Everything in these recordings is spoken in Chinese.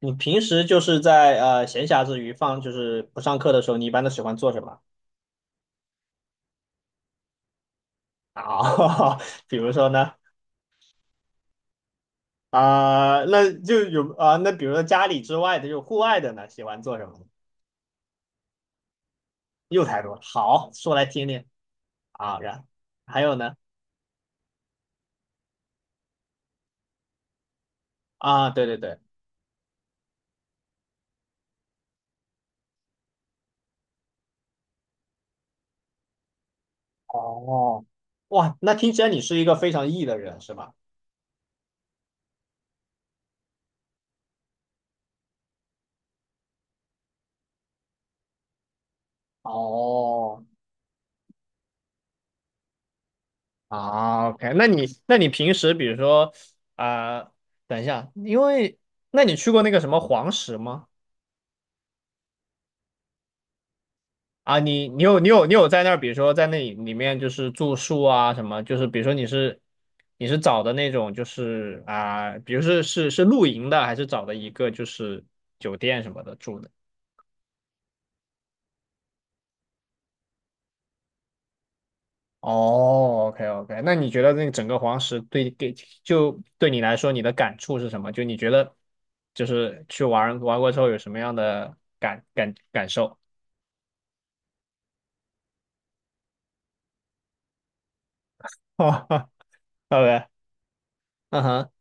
你平时就是在闲暇之余就是不上课的时候，你一般都喜欢做什么啊？比如说呢。啊、那就有啊、那比如说家里之外的，就户外的呢，喜欢做什么呢？又太多了，好，说来听听。啊。然，还有呢？啊，对对对。哦。哇，那听起来你是一个非常 E 的人是吧？哦。啊，OK，那你平时比如说啊、等一下，因为那你去过那个什么黄石吗？啊，你有在那儿，比如说在那里里面就是住宿啊什么，就是比如说你是你是找的那种就是啊，比如是露营的，还是找的一个就是酒店什么的住的？哦，OK OK，那你觉得那个整个黄石对给就对你来说你的感触是什么？就你觉得就是去玩过之后有什么样的感受？OK，哈，OK，嗯哼。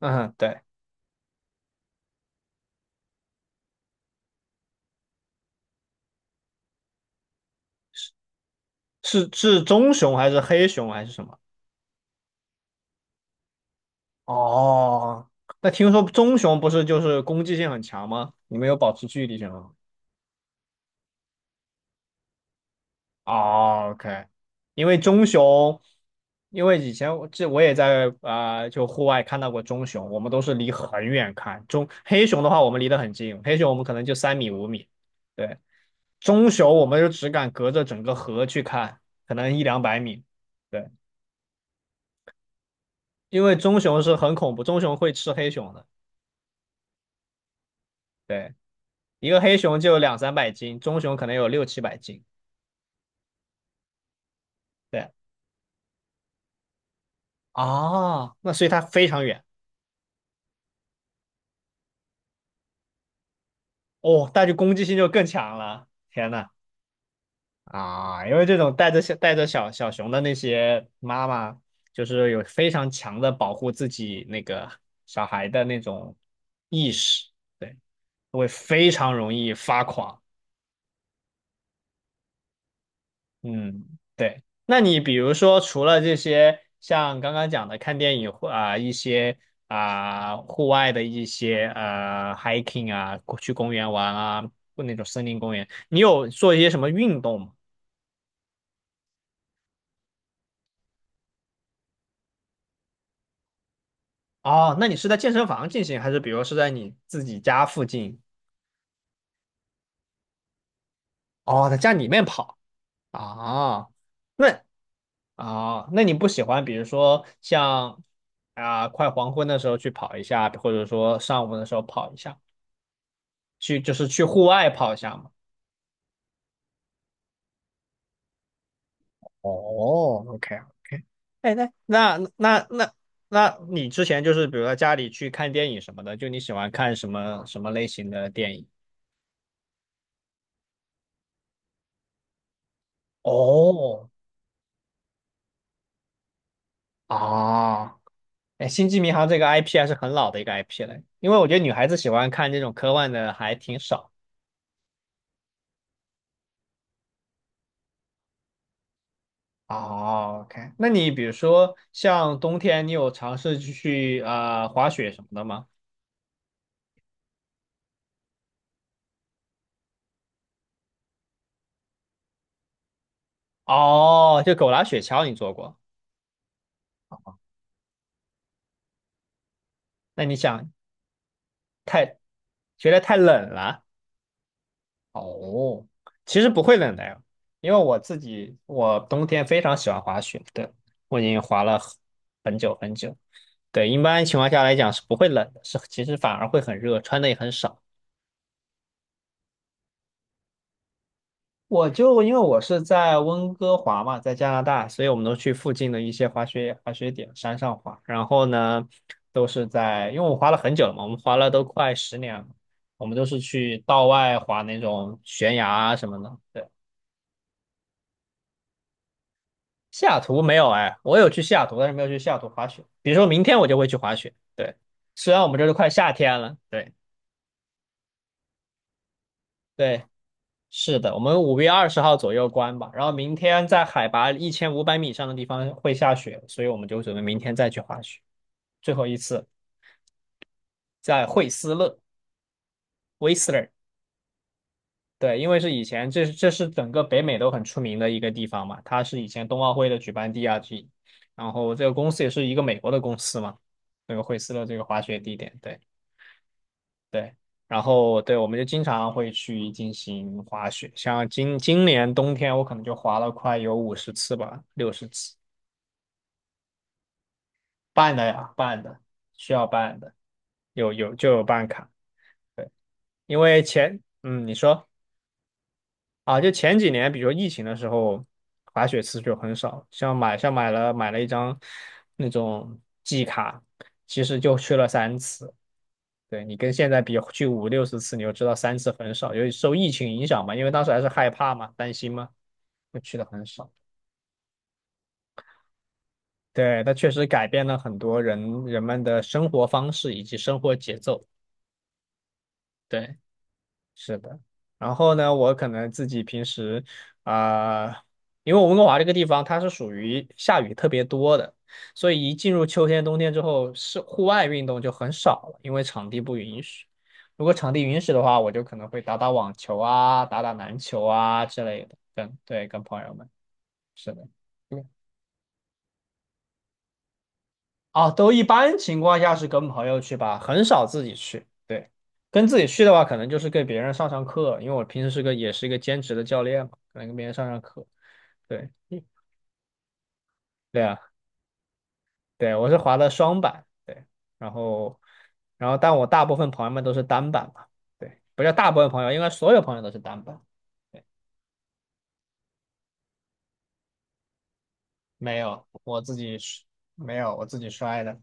嗯哼，对。是是棕熊还是黑熊还是什么？哦，那听说棕熊不是就是攻击性很强吗？你们有保持距离性吗？哦，OK，因为棕熊，因为以前我这我也在啊、就户外看到过棕熊，我们都是离很远看。棕黑熊的话，我们离得很近，黑熊我们可能就3米5米，对，棕熊我们就只敢隔着整个河去看，可能一两百米，对，因为棕熊是很恐怖，棕熊会吃黑熊的，对，一个黑熊就有两三百斤，棕熊可能有六七百斤。对啊，那所以它非常远。哦，那就攻击性就更强了。天呐。啊，因为这种带着小带着小小熊的那些妈妈，就是有非常强的保护自己那个小孩的那种意识，对，会非常容易发狂。嗯，对。那你比如说，除了这些，像刚刚讲的看电影或啊、一些啊、户外的一些hiking 啊，去公园玩啊，或那种森林公园，你有做一些什么运动吗？哦，那你是在健身房进行，还是比如是在你自己家附近？哦，在家里面跑啊？那啊，那你不喜欢，比如说像啊、快黄昏的时候去跑一下，或者说上午的时候跑一下？去就是去户外跑一下嘛。哦，OK OK，哎，那那你之前就是比如说家里去看电影什么的，就你喜欢看什么什么类型的电影？哦。啊。哎，《星际迷航》这个 IP 还是很老的一个 IP 了，因为我觉得女孩子喜欢看这种科幻的还挺少。哦，OK，那你比如说像冬天，你有尝试去滑雪什么的吗？哦，就狗拉雪橇你做过？那你想太，觉得太冷了。哦，其实不会冷的呀，因为我自己我冬天非常喜欢滑雪，对，我已经滑了很久很久。对，一般情况下来讲是不会冷的，是其实反而会很热，穿的也很少。我就因为我是在温哥华嘛，在加拿大，所以我们都去附近的一些滑雪滑雪点山上滑。然后呢，都是在，因为我滑了很久了嘛，我们滑了都快10年了，我们都是去道外滑那种悬崖啊什么的。对。西雅图没有哎，我有去西雅图，但是没有去西雅图滑雪。比如说明天我就会去滑雪。对，虽然我们这都快夏天了，对。对，是的，我们5月20号左右关吧，然后明天在海拔1,500米以上的地方会下雪，所以我们就准备明天再去滑雪，最后一次。在惠斯勒。 w h i 对，因为是以前这是整个北美都很出名的一个地方嘛，它是以前冬奥会的举办地啊，这然后这个公司也是一个美国的公司嘛，那个惠斯勒这个滑雪地点，对。对，然后对，我们就经常会去进行滑雪，像今年冬天，我可能就滑了快有50次吧，六十次。办的呀，办的，需要办的，有就有办卡，对，因为前，嗯，你说啊，就前几年，比如疫情的时候，滑雪次数就很少，像买了一张那种季卡，其实就去了三次。对你跟现在比，去五六十次，你就知道三次很少，由于受疫情影响嘛，因为当时还是害怕嘛，担心嘛，就去的很少。对，它确实改变了很多人们的生活方式以及生活节奏。对。是的，然后呢，我可能自己平时啊、因为我温哥华这个地方它是属于下雨特别多的，所以一进入秋天、冬天之后，是户外运动就很少了，因为场地不允许。如果场地允许的话，我就可能会打打网球啊、打打篮球啊之类的，跟对跟朋友们。是的。啊，都一般情况下是跟朋友去吧，很少自己去。对，跟自己去的话，可能就是给别人上上课，因为我平时是个也是一个兼职的教练嘛，可能跟别人上上课。对，嗯。对啊，对，我是滑的双板，对，然后，然后，但我大部分朋友们都是单板嘛，对，不叫大部分朋友，应该所有朋友都是单板。对，没有，我自己是。没有，我自己摔的。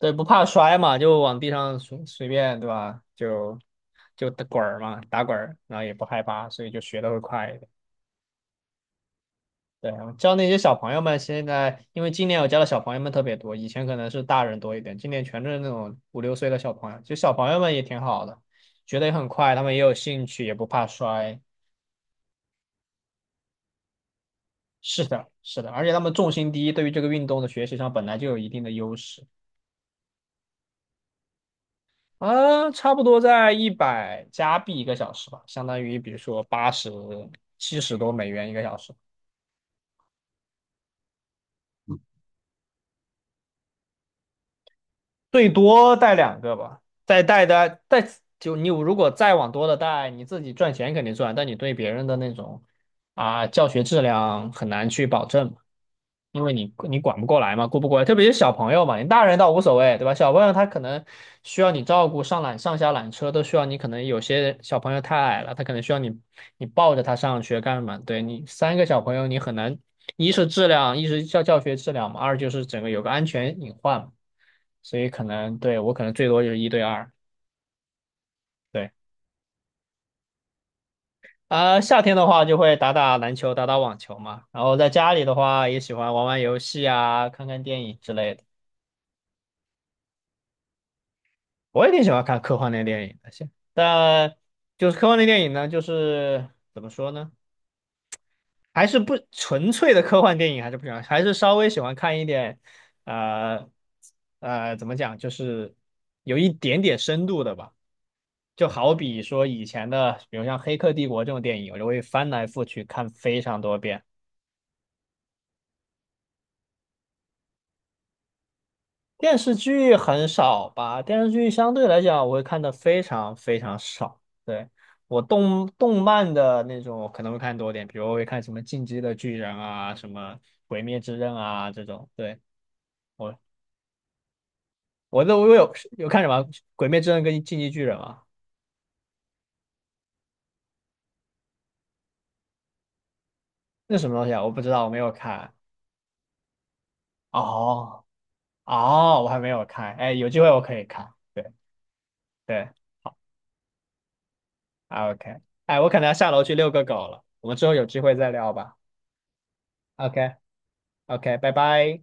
对，不怕摔嘛，就往地上随随便，对吧？就就打滚儿嘛，打滚儿，然后也不害怕，所以就学的会快一点。对啊，我教那些小朋友们，现在因为今年我教的小朋友们特别多，以前可能是大人多一点，今年全是那种五六岁的小朋友，就小朋友们也挺好的，学的也很快，他们也有兴趣，也不怕摔。是的，是的，而且他们重心低，对于这个运动的学习上本来就有一定的优势。啊，差不多在100加币一个小时吧，相当于比如说80、70多美元一个小时，最多带两个吧。再带的带，就你如果再往多的带，你自己赚钱肯定赚，但你对别人的那种。啊，教学质量很难去保证嘛，因为你管不过来嘛，顾不过来，特别是小朋友嘛，你大人倒无所谓，对吧？小朋友他可能需要你照顾，上缆上下缆车都需要你，可能有些小朋友太矮了，他可能需要你你抱着他上学干嘛？对你三个小朋友，你很难，一是质量，一是教教学质量嘛，二就是整个有个安全隐患嘛，所以可能对我可能最多就是一对二，对。啊、夏天的话就会打打篮球、打打网球嘛，然后在家里的话也喜欢玩玩游戏啊、看看电影之类的。我也挺喜欢看科幻类电影的，现但就是科幻类电影呢，就是怎么说呢，还是不纯粹的科幻电影，还是不喜欢，还是稍微喜欢看一点，呃，怎么讲，就是有一点点深度的吧。就好比说以前的，比如像《黑客帝国》这种电影，我就会翻来覆去看非常多遍。电视剧很少吧？电视剧相对来讲，我会看的非常非常少。对，我动漫的那种我可能会看多点，比如我会看什么《进击的巨人》啊，什么《鬼灭之刃》啊这种。对，我我有看什么《鬼灭之刃》跟《进击巨人》啊？那什么东西啊？我不知道，我没有看。哦。哦，我还没有看。哎，有机会我可以看。对。对，好 o k 哎，我可能要下楼去遛个狗了，我们之后有机会再聊吧。OK OK，拜拜。